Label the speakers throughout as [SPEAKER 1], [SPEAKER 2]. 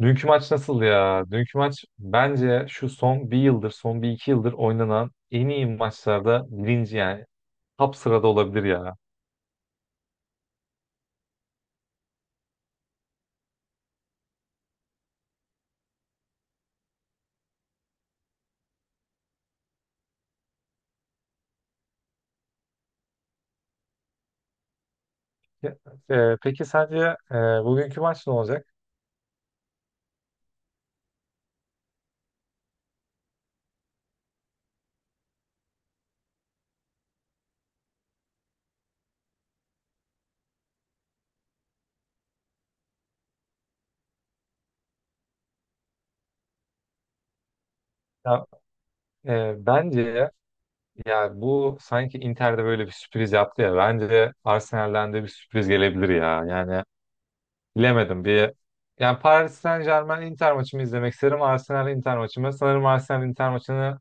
[SPEAKER 1] Dünkü maç nasıl ya? Dünkü maç bence şu son bir yıldır, son bir iki yıldır oynanan en iyi maçlarda birinci yani top sırada olabilir ya. Peki sence e, bugünkü maç ne olacak? Ya, Bence ya bu sanki Inter'de böyle bir sürpriz yaptı ya. Bence Arsenal'den de bir sürpriz gelebilir ya. Yani bilemedim. Yani Paris Saint-Germain Inter maçımı izlemek isterim. Arsenal Inter maçımı. Sanırım Arsenal Inter maçını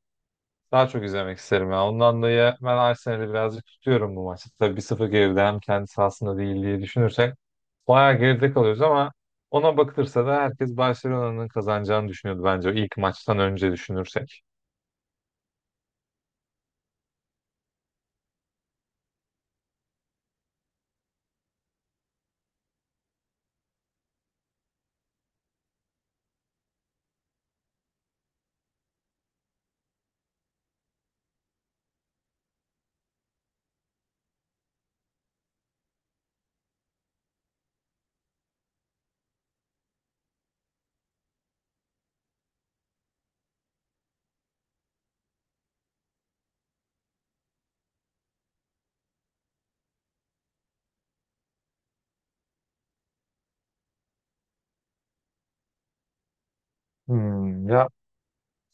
[SPEAKER 1] daha çok izlemek isterim ya. Ondan dolayı ben Arsenal'i birazcık tutuyorum bu maçta. Tabii 1-0 geride, hem kendi sahasında değil diye düşünürsek bayağı geride kalıyoruz, ama ona bakılırsa da herkes Barcelona'nın kazanacağını düşünüyordu bence, o ilk maçtan önce düşünürsek. Hmm, ya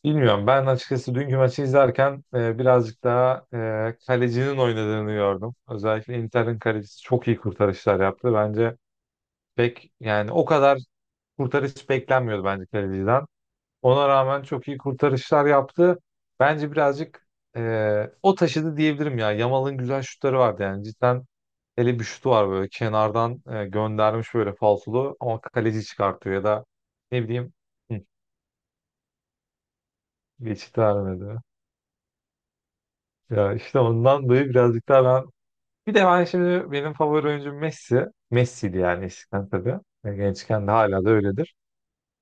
[SPEAKER 1] bilmiyorum. Ben açıkçası dünkü maçı izlerken birazcık daha kalecinin oynadığını gördüm. Özellikle Inter'in kalecisi çok iyi kurtarışlar yaptı. Bence pek yani o kadar kurtarış beklenmiyordu bence kaleciden. Ona rağmen çok iyi kurtarışlar yaptı. Bence birazcık o taşıdı diyebilirim ya. Yamal'ın güzel şutları vardı yani. Cidden hele bir şutu var, böyle kenardan göndermiş böyle falsolu ama kaleci çıkartıyor ya da ne bileyim hı, geçit vermedi. Ya işte ondan dolayı birazcık daha ben, bir de ben şimdi, benim favori oyuncum Messi. Messi'di yani eskiden tabii. E, Gençken de hala da öyledir.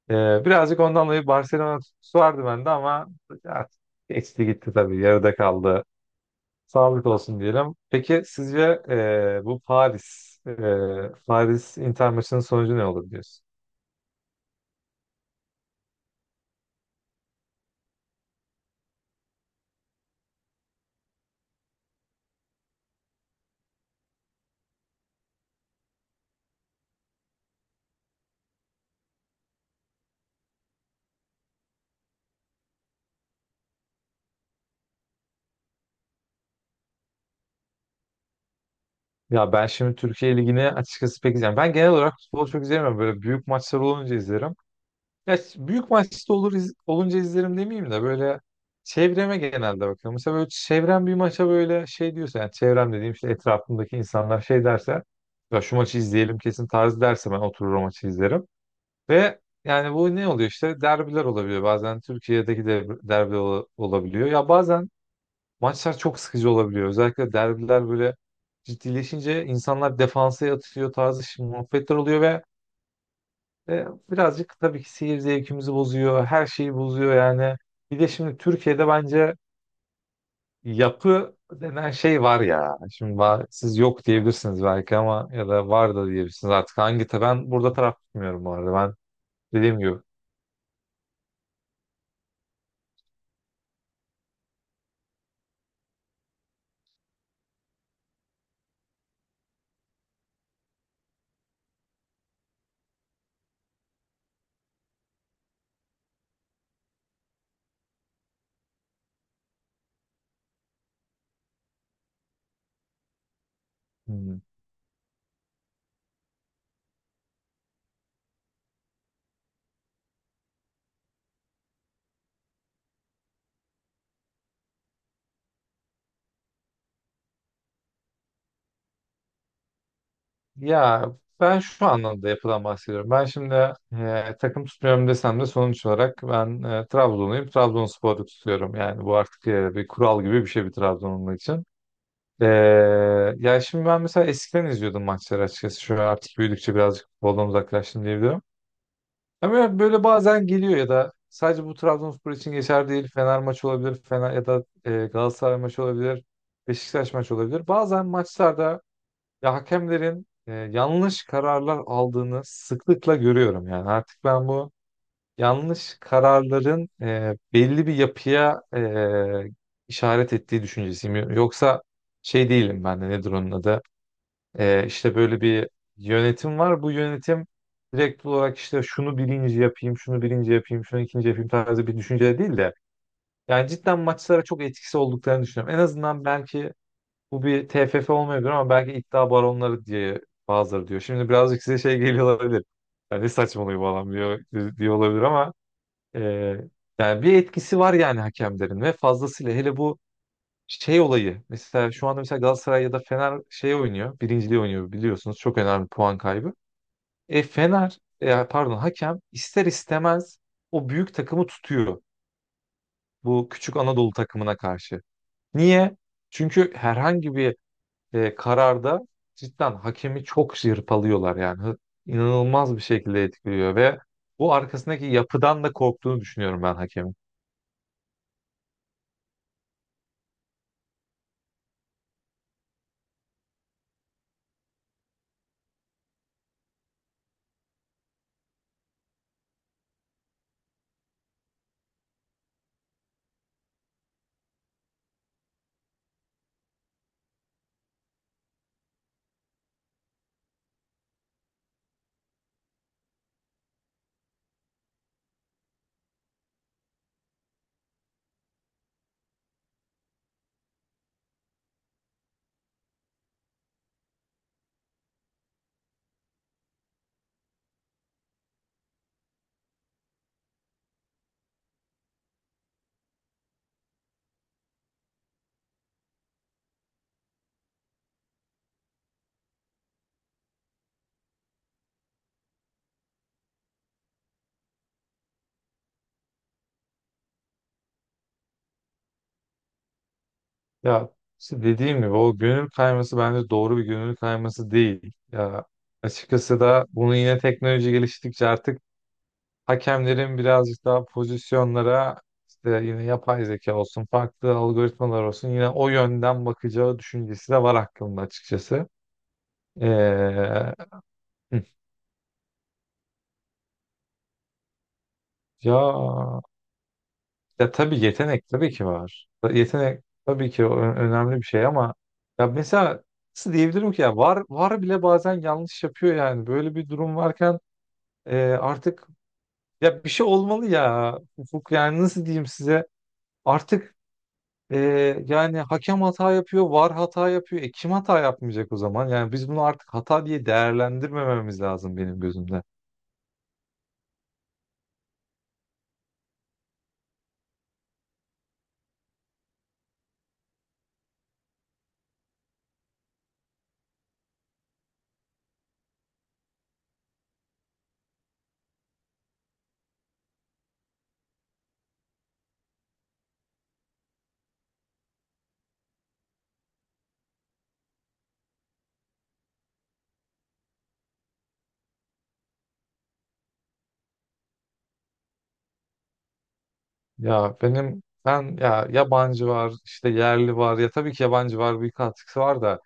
[SPEAKER 1] Birazcık ondan dolayı Barcelona tutkusu vardı bende ama ya, geçti gitti tabii, yarıda kaldı. Sağlık olsun diyelim. Peki sizce bu Paris, Paris Inter maçının sonucu ne olur diyorsun? Ya ben şimdi Türkiye Ligi'ni açıkçası pek izleyemem. Ben genel olarak futbolu çok izleyemem. Böyle büyük maçlar olunca izlerim. Büyük maçta olur, olunca izlerim demeyeyim de, böyle çevreme genelde bakıyorum. Mesela böyle çevrem bir maça böyle şey diyorsa, yani çevrem dediğim işte etrafımdaki insanlar şey derse, ya şu maçı izleyelim kesin tarzı derse, ben oturur o maçı izlerim. Ve yani bu ne oluyor, işte derbiler olabiliyor bazen, Türkiye'deki de olabiliyor ya bazen. Maçlar çok sıkıcı olabiliyor, özellikle derbiler böyle ciddileşince insanlar defansa yatıyor tarzı şimdi muhabbetler oluyor ve birazcık tabii ki seyir zevkimizi bozuyor, her şeyi bozuyor yani. Bir de şimdi Türkiye'de bence yapı denen şey var ya, şimdi var, siz yok diyebilirsiniz belki, ama ya da var da diyebilirsiniz artık, hangi ben burada taraf tutmuyorum bu arada, ben dediğim gibi. Ya ben şu anlamda yapıdan bahsediyorum. Ben şimdi takım tutmuyorum desem de, sonuç olarak ben Trabzonluyum. Trabonspor'u tutuyorum. Yani bu artık bir kural gibi bir şey bir Trabzonlu için. E, Ya şimdi ben mesela eskiden izliyordum maçları açıkçası. Şu an artık büyüdükçe birazcık futboldan uzaklaştım diyebilirim. Ama böyle bazen geliyor, ya da sadece bu Trabzonspor için geçer değil. Fener maçı olabilir. Fener ya da Galatasaray maçı olabilir. Beşiktaş maçı olabilir. Bazen maçlarda ya hakemlerin yanlış kararlar aldığını sıklıkla görüyorum yani. Artık ben bu yanlış kararların belli bir yapıya işaret ettiği düşüncesiyim. Yoksa şey değilim, ben de, nedir onun adı? İşte böyle bir yönetim var. Bu yönetim direkt olarak işte şunu birinci yapayım, şunu birinci yapayım, şunu ikinci yapayım tarzı bir düşünce değil de, yani cidden maçlara çok etkisi olduklarını düşünüyorum. En azından belki bu bir TFF olmayabilir, ama belki iddia baronları diye bazıları diyor. Şimdi birazcık size şey geliyor olabilir. Yani ne saçmalıyor falan diyor, diyor olabilir, ama e, yani bir etkisi var yani hakemlerin, ve fazlasıyla hele bu şey olayı. Mesela şu anda mesela Galatasaray ya da Fener şey oynuyor. Birinciliği oynuyor, biliyorsunuz. Çok önemli puan kaybı. Pardon, hakem ister istemez o büyük takımı tutuyor. Bu küçük Anadolu takımına karşı. Niye? Çünkü herhangi bir kararda cidden hakemi çok yırpalıyorlar yani. İnanılmaz bir şekilde etkiliyor, ve bu arkasındaki yapıdan da korktuğunu düşünüyorum ben hakemin. Ya işte dediğim gibi, o gönül kayması bence doğru bir gönül kayması değil. Ya açıkçası da bunu yine, teknoloji geliştikçe artık hakemlerin birazcık daha pozisyonlara, işte yine yapay zeka olsun, farklı algoritmalar olsun, yine o yönden bakacağı düşüncesi de var aklımda açıkçası. Ee, hı. ya Ya tabii, yetenek tabii ki var. Yetenek tabii ki önemli bir şey, ama ya mesela, nasıl diyebilirim ki, ya VAR, VAR bile bazen yanlış yapıyor yani. Böyle bir durum varken artık ya bir şey olmalı ya Ufuk, yani nasıl diyeyim size, artık e, yani hakem hata yapıyor, VAR hata yapıyor. E kim hata yapmayacak o zaman? Yani biz bunu artık hata diye değerlendirmememiz lazım benim gözümde. Ya benim ben, ya yabancı VAR, işte yerli VAR. Ya tabii ki yabancı VAR, bir katkısı var da,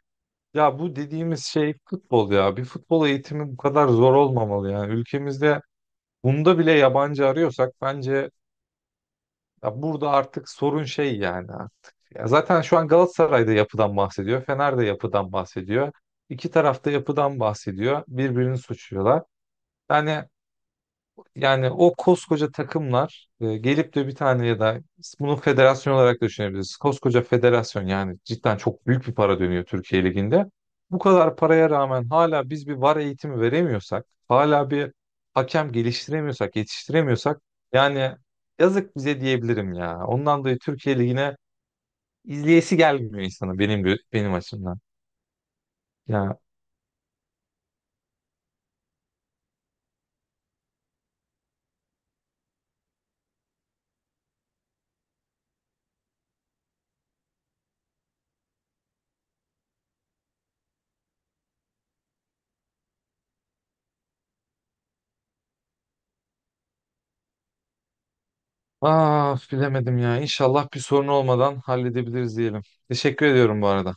[SPEAKER 1] ya bu dediğimiz şey futbol ya. Bir futbol eğitimi bu kadar zor olmamalı yani. Ülkemizde bunda bile yabancı arıyorsak, bence ya burada artık sorun şey yani artık. Ya zaten şu an Galatasaray'da yapıdan bahsediyor. Fener'de yapıdan bahsediyor. İki tarafta yapıdan bahsediyor. Birbirini suçluyorlar. Yani yani o koskoca takımlar gelip de bir tane, ya da bunu federasyon olarak da düşünebiliriz. Koskoca federasyon, yani cidden çok büyük bir para dönüyor Türkiye Ligi'nde. Bu kadar paraya rağmen hala biz bir VAR eğitimi veremiyorsak, hala bir hakem geliştiremiyorsak, yetiştiremiyorsak, yani yazık bize diyebilirim ya. Ondan dolayı Türkiye Ligi'ne izleyesi gelmiyor insanın, benim açımdan. Ya ah bilemedim ya. İnşallah bir sorun olmadan halledebiliriz diyelim. Teşekkür ediyorum bu arada.